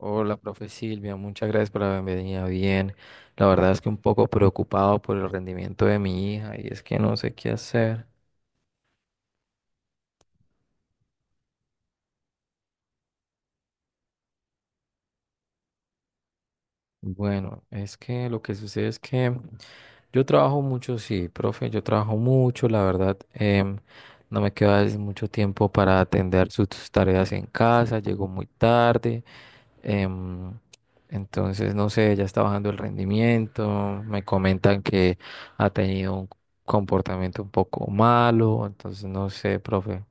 Hola, profe Silvia, muchas gracias por la bienvenida. Bien, la verdad es que un poco preocupado por el rendimiento de mi hija y es que no sé qué hacer. Bueno, es que lo que sucede es que yo trabajo mucho, sí, profe, yo trabajo mucho, la verdad, no me queda es mucho tiempo para atender sus tareas en casa, llego muy tarde. Em, entonces, no sé, ya está bajando el rendimiento, me comentan que ha tenido un comportamiento un poco malo, entonces no sé, profe.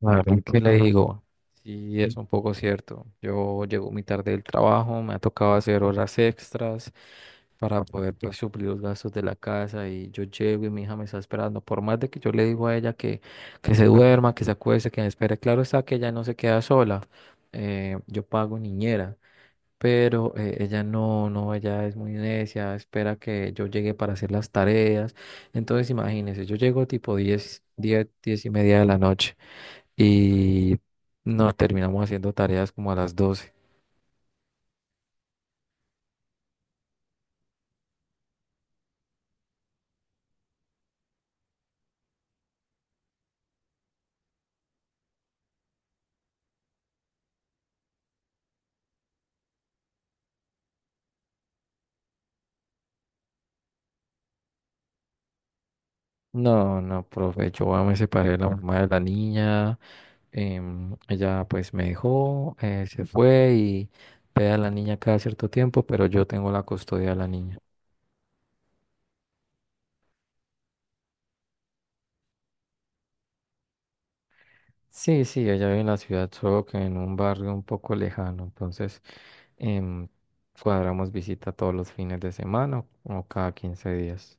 La verdad que le digo, sí es un poco cierto. Yo llego muy tarde del trabajo, me ha tocado hacer horas extras para poder pues, suplir los gastos de la casa y yo llego y mi hija me está esperando. Por más de que yo le digo a ella que se duerma, que se acueste, que me espere, claro está que ella no se queda sola. Yo pago niñera, pero ella no, no, ella es muy necia, espera que yo llegue para hacer las tareas. Entonces imagínense, yo llego tipo 10, 10, 10 y media de la noche y no terminamos haciendo tareas como a las 12. No, no, profe, yo me separé de la mamá de la niña, ella pues me dejó, se fue y pega a la niña cada cierto tiempo, pero yo tengo la custodia de la niña. Sí, sí, ella vive en la ciudad, solo que en un barrio un poco lejano, entonces em, cuadramos visita todos los fines de semana o cada 15 días.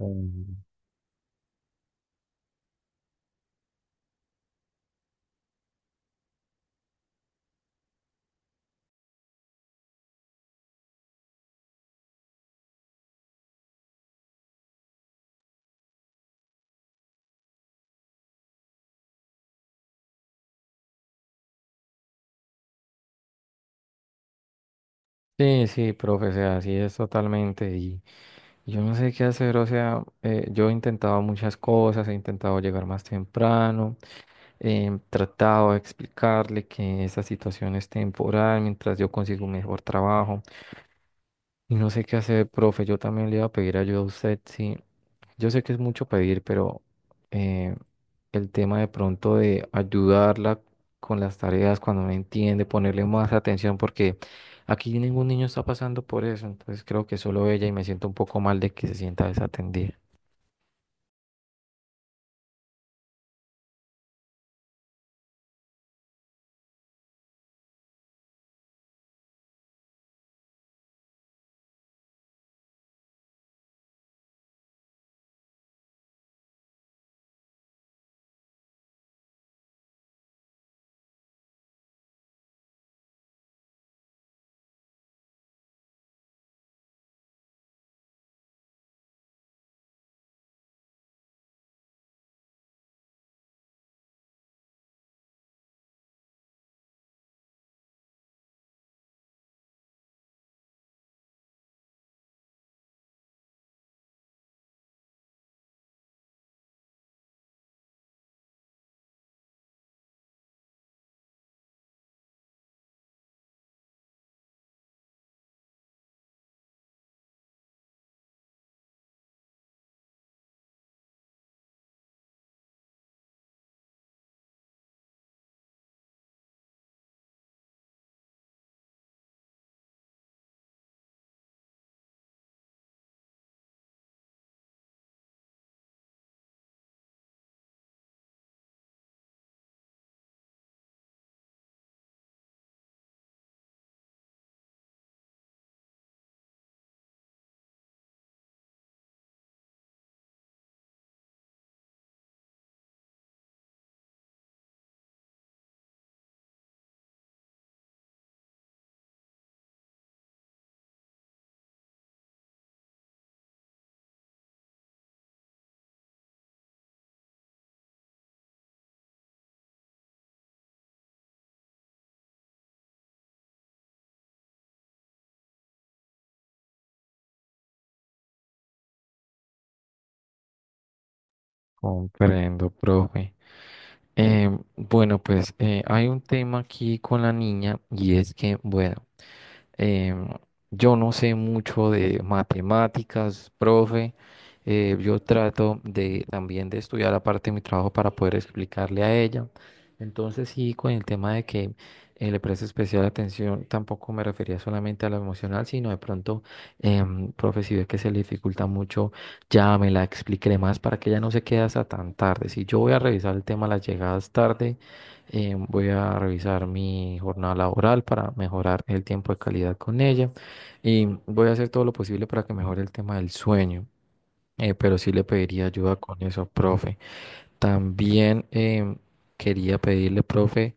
Entiendo. Sí, sí, profe, o sea, así es totalmente. Y yo no sé qué hacer, o sea, yo he intentado muchas cosas, he intentado llegar más temprano, he tratado de explicarle que esa situación es temporal mientras yo consigo un mejor trabajo. Y no sé qué hacer, profe. Yo también le iba a pedir ayuda a usted. Sí, yo sé que es mucho pedir, pero eh, el tema de pronto de ayudarla con las tareas cuando no entiende, ponerle más atención, porque aquí ningún niño está pasando por eso. Entonces creo que solo ella y me siento un poco mal de que se sienta desatendida. Comprendo, profe. Eh, bueno, pues hay un tema aquí con la niña y es que, bueno. Eh, yo no sé mucho de matemáticas, profe. Yo trato de también de estudiar aparte de mi trabajo para poder explicarle a ella. Entonces, sí, con el tema de que le preste especial atención, tampoco me refería solamente a lo emocional, sino de pronto, profe, si ve que se le dificulta mucho, ya me la expliqué más para que ella no se quede hasta tan tarde. Si yo voy a revisar el tema de las llegadas tarde, voy a revisar mi jornada laboral para mejorar el tiempo de calidad con ella y voy a hacer todo lo posible para que mejore el tema del sueño, pero sí le pediría ayuda con eso, profe. También quería pedirle, profe,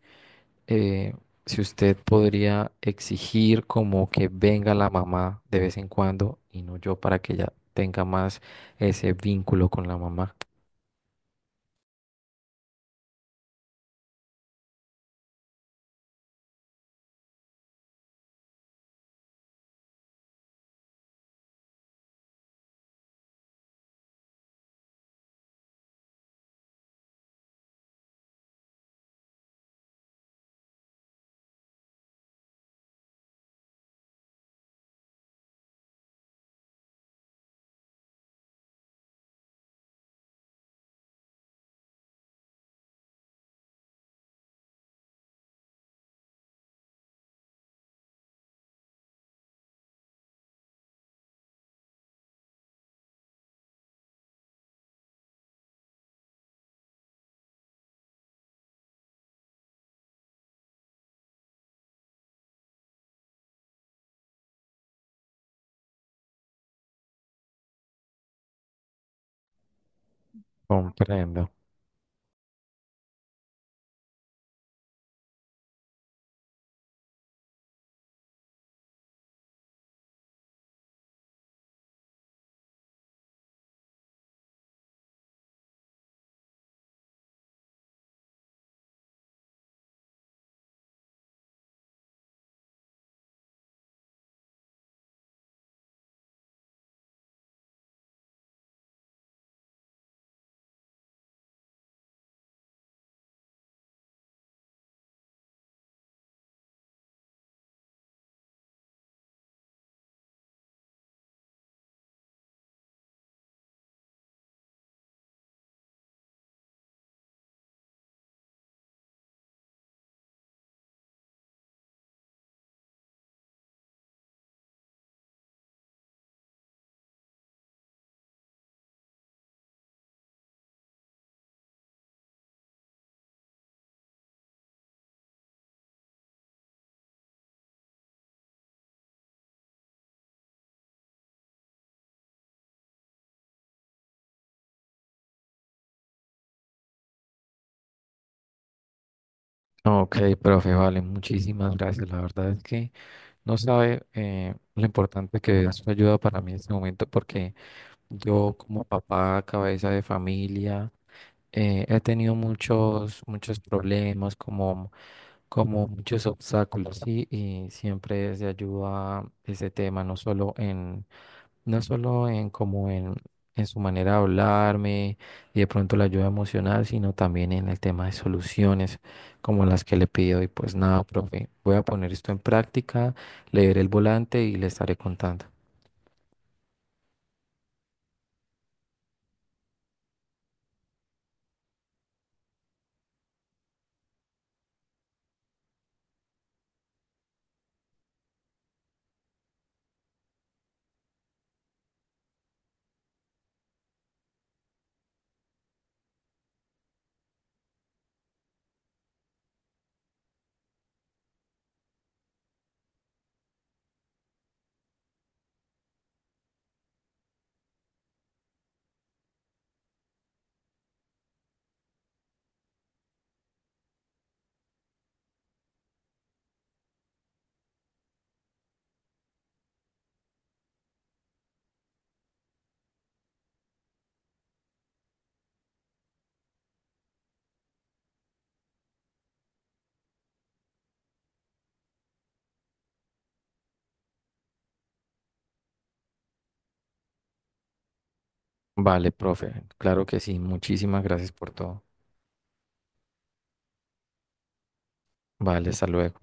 eh, si usted podría exigir como que venga la mamá de vez en cuando y no yo para que ella tenga más ese vínculo con la mamá. Comprendo. Ok, profe, vale, muchísimas gracias. La verdad es que... No sabe lo importante que es su ayuda para mí en este momento porque yo como papá, cabeza de familia, he tenido muchos problemas como muchos obstáculos, ¿sí? Y siempre es de ayuda ese tema, no solo en como en su manera de hablarme y de pronto la ayuda emocional, sino también en el tema de soluciones como las que le pido. Y pues nada, profe, voy a poner esto en práctica, leer el volante y le estaré contando. Vale, profe, claro que sí, muchísimas gracias por todo. Vale, hasta luego.